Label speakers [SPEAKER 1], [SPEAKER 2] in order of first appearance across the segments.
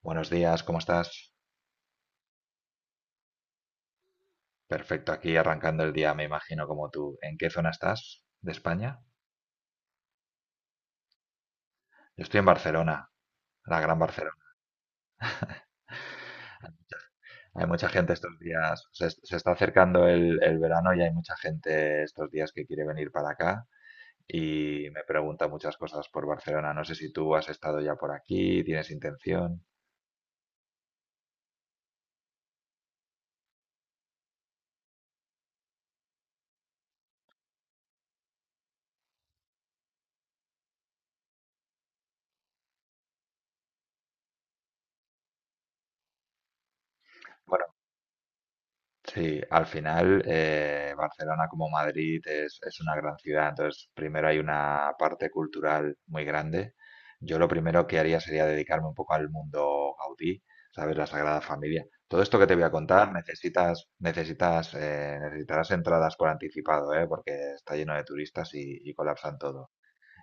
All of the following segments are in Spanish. [SPEAKER 1] Buenos días, ¿cómo estás? Perfecto, aquí arrancando el día, me imagino, como tú. ¿En qué zona estás de España? Yo estoy en Barcelona, la gran Barcelona. Hay mucha gente estos días, se está acercando el verano y hay mucha gente estos días que quiere venir para acá y me pregunta muchas cosas por Barcelona. No sé si tú has estado ya por aquí, tienes intención. Bueno, sí, al final Barcelona como Madrid es una gran ciudad, entonces primero hay una parte cultural muy grande. Yo lo primero que haría sería dedicarme un poco al mundo Gaudí, ¿sabes? La Sagrada Familia. Todo esto que te voy a contar necesitarás entradas por anticipado, ¿eh? Porque está lleno de turistas y colapsan todo.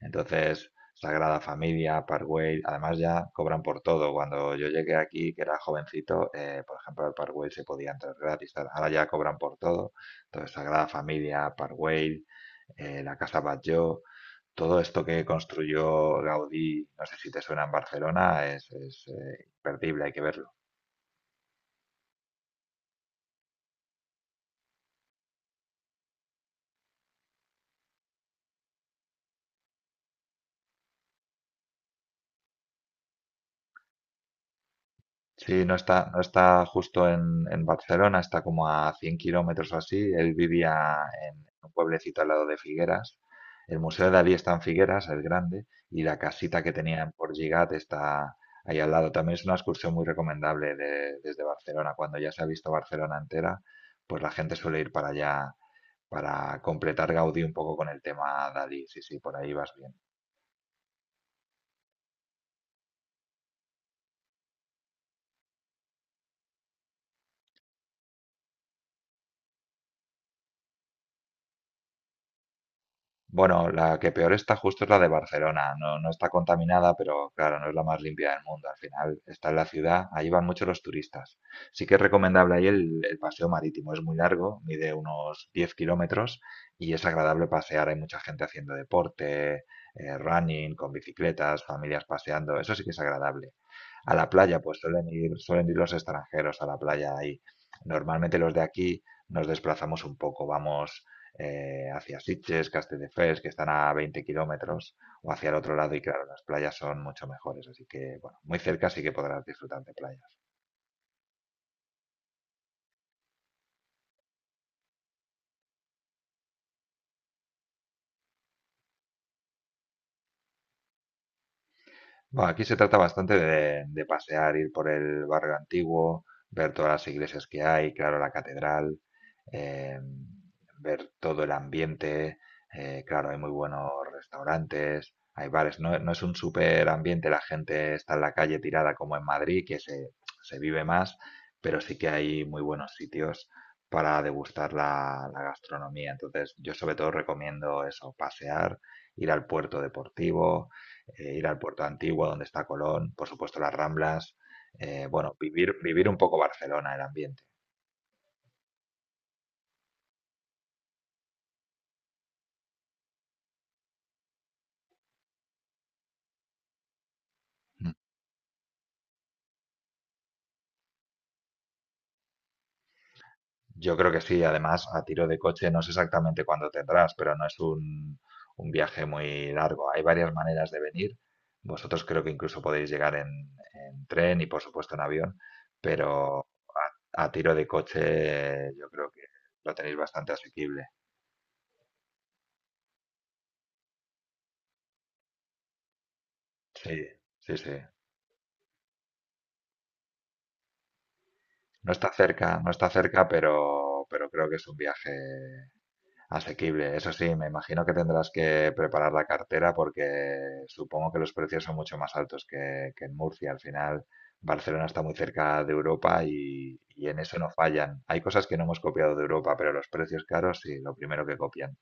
[SPEAKER 1] Entonces, Sagrada Familia, Parkway, además ya cobran por todo. Cuando yo llegué aquí, que era jovencito, por ejemplo, al Parkway se podía entrar gratis. Tal. Ahora ya cobran por todo. Entonces, Sagrada Familia, Parkway, la Casa Batlló, todo esto que construyó Gaudí, no sé si te suena en Barcelona, imperdible, hay que verlo. Sí, no está justo en Barcelona, está como a 100 kilómetros o así. Él vivía en un pueblecito al lado de Figueras. El Museo de Dalí está en Figueras, el grande, y la casita que tenían por Gigat está ahí al lado. También es una excursión muy recomendable desde Barcelona. Cuando ya se ha visto Barcelona entera, pues la gente suele ir para allá para completar Gaudí un poco con el tema Dalí. Sí, sí, por ahí vas bien. Bueno, la que peor está justo es la de Barcelona. No, no está contaminada, pero claro, no es la más limpia del mundo. Al final está en la ciudad, ahí van muchos los turistas. Sí que es recomendable ahí el paseo marítimo. Es muy largo, mide unos 10 kilómetros y es agradable pasear. Hay mucha gente haciendo deporte, running, con bicicletas, familias paseando. Eso sí que es agradable. A la playa, pues suelen ir los extranjeros a la playa ahí. Normalmente los de aquí nos desplazamos un poco, vamos hacia Sitges, Castelldefels, que están a 20 kilómetros, o hacia el otro lado, y claro, las playas son mucho mejores. Así que, bueno, muy cerca sí que podrás disfrutar de playa. Bueno, aquí se trata bastante de pasear, ir por el barrio antiguo, ver todas las iglesias que hay, claro, la catedral, eh, ver todo el ambiente, claro, hay muy buenos restaurantes, hay bares, no es un súper ambiente, la gente está en la calle tirada como en Madrid, se vive más, pero sí que hay muy buenos sitios para degustar la gastronomía. Entonces, yo sobre todo recomiendo eso, pasear, ir al puerto deportivo ir al puerto de Antigua donde está Colón, por supuesto las Ramblas, bueno, vivir un poco Barcelona, el ambiente. Mm. Yo creo que sí, además a tiro de coche no sé exactamente cuándo tendrás, pero no es un viaje muy largo. Hay varias maneras de venir. Vosotros creo que incluso podéis llegar en tren y por supuesto en avión, pero a tiro de coche yo creo que lo tenéis bastante asequible. Sí, sí, sí. No está cerca, no está cerca, pero creo que es un viaje asequible, eso sí, me imagino que tendrás que preparar la cartera porque supongo que los precios son mucho más altos que en Murcia. Al final, Barcelona está muy cerca de Europa y en eso no fallan. Hay cosas que no hemos copiado de Europa, pero los precios caros sí, lo primero que copian.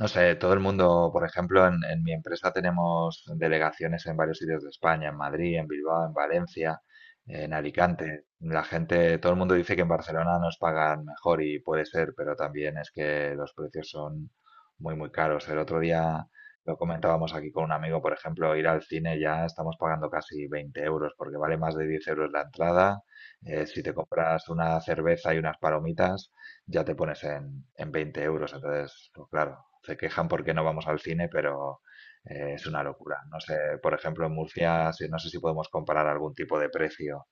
[SPEAKER 1] No sé, todo el mundo, por ejemplo, en mi empresa tenemos delegaciones en varios sitios de España, en Madrid, en Bilbao, en Valencia, en Alicante. La gente, todo el mundo dice que en Barcelona nos pagan mejor y puede ser, pero también es que los precios son muy caros. El otro día lo comentábamos aquí con un amigo, por ejemplo, ir al cine ya estamos pagando casi 20 euros porque vale más de 10 euros la entrada. Si te compras una cerveza y unas palomitas ya te pones en 20 euros. Entonces, pues claro, se quejan porque no vamos al cine, pero es una locura. No sé, por ejemplo, en Murcia, no sé si podemos comparar algún tipo de precio.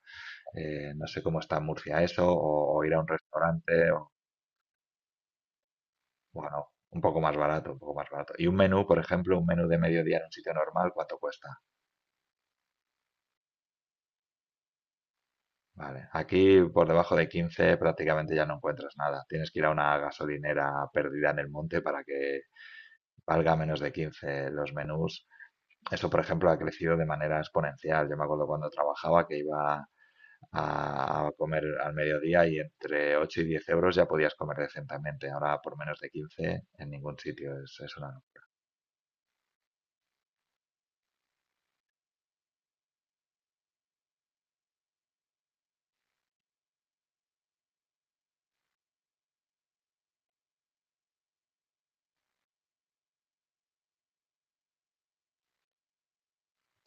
[SPEAKER 1] No sé cómo está en Murcia eso, o ir a un restaurante, o, bueno, un poco más barato, un poco más barato. Y un menú, por ejemplo, un menú de mediodía en un sitio normal, ¿cuánto cuesta? Vale. Aquí por debajo de 15 prácticamente ya no encuentras nada. Tienes que ir a una gasolinera perdida en el monte para que valga menos de 15 los menús. Eso, por ejemplo, ha crecido de manera exponencial. Yo me acuerdo cuando trabajaba que iba a comer al mediodía y entre 8 y 10 euros ya podías comer decentemente. Ahora por menos de 15 en ningún sitio. Es una...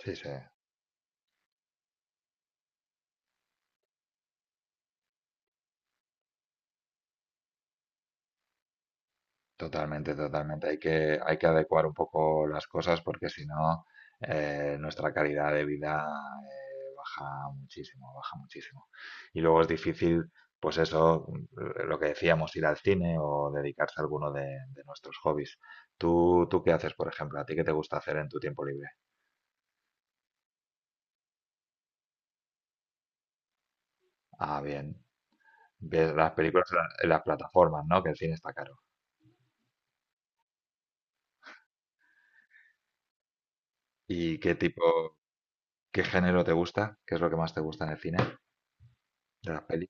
[SPEAKER 1] Sí, sí. Totalmente, totalmente. Hay que adecuar un poco las cosas porque si no, nuestra calidad de vida baja muchísimo, baja muchísimo. Y luego es difícil, pues eso, lo que decíamos, ir al cine o dedicarse a alguno de nuestros hobbies. ¿Tú qué haces, por ejemplo? ¿A ti qué te gusta hacer en tu tiempo libre? Ah, bien. Ves las películas en las plataformas, ¿no? Que el cine está caro. ¿Y qué tipo, qué género te gusta? ¿Qué es lo que más te gusta en el cine? ¿De las pelis?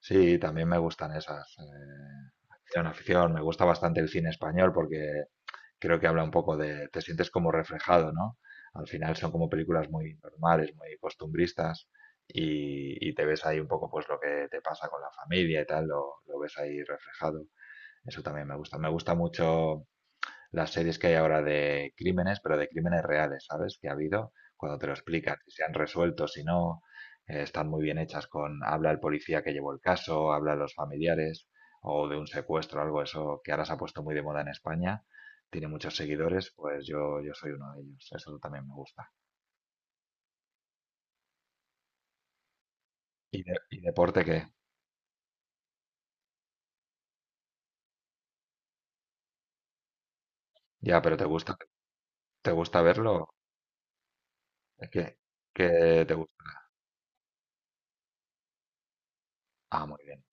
[SPEAKER 1] Sí, también me gustan esas. Acción, afición. Me gusta bastante el cine español porque creo que habla un poco de... Te sientes como reflejado, ¿no? Al final son como películas muy normales, muy costumbristas y te ves ahí un poco pues lo que te pasa con la familia y tal, lo ves ahí reflejado. Eso también me gusta. Me gusta mucho las series que hay ahora de crímenes, pero de crímenes reales, ¿sabes? Que ha habido, cuando te lo explican, si se han resuelto, si no, están muy bien hechas con, habla el policía que llevó el caso, habla los familiares, o de un secuestro, algo eso que ahora se ha puesto muy de moda en España, tiene muchos seguidores, pues yo soy uno de ellos, eso también me gusta. ¿Y, y deporte qué? Ya, pero ¿te gusta verlo? ¿Qué, qué te gusta? Ah, muy bien.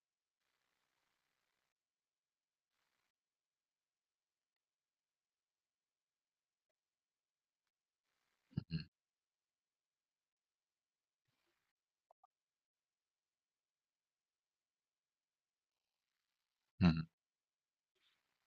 [SPEAKER 1] Ujú, ujú.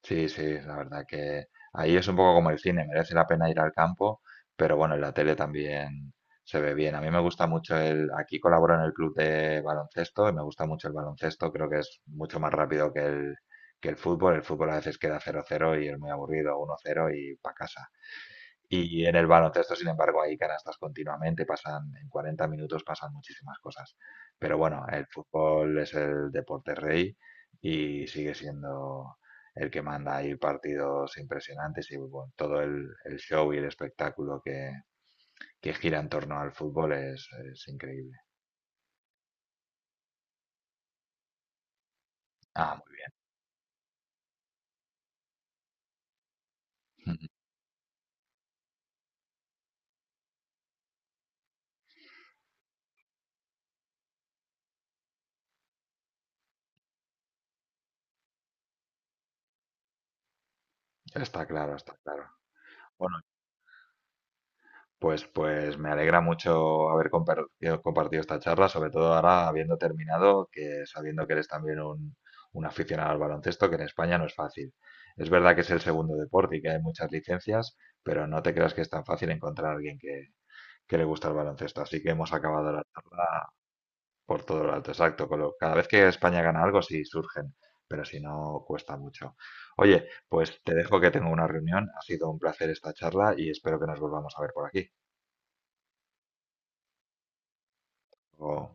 [SPEAKER 1] Sí, sí, la verdad que ahí es un poco como el cine, merece la pena ir al campo, pero bueno, en la tele también se ve bien. A mí me gusta mucho el, aquí colaboro en el club de baloncesto y me gusta mucho el baloncesto, creo que es mucho más rápido que que el fútbol. El fútbol a veces queda cero cero y es muy aburrido, uno cero y para casa. Y en el baloncesto, sin embargo, hay canastas continuamente, pasan en 40 minutos pasan muchísimas cosas. Pero bueno, el fútbol es el deporte rey y sigue siendo el que manda. Hay partidos impresionantes y bueno, todo el show y el espectáculo que gira en torno al fútbol es increíble. Ah, muy bien. Está claro, está claro. Bueno, pues, pues me alegra mucho haber compartido esta charla, sobre todo ahora habiendo terminado, que sabiendo que eres también un aficionado al baloncesto, que en España no es fácil. Es verdad que es el segundo deporte y que hay muchas licencias, pero no te creas que es tan fácil encontrar a alguien que le gusta el baloncesto. Así que hemos acabado la charla por todo lo alto, exacto. Cada vez que España gana algo, sí surgen, pero si no, cuesta mucho. Oye, pues te dejo que tengo una reunión. Ha sido un placer esta charla y espero que nos volvamos a ver por aquí. O-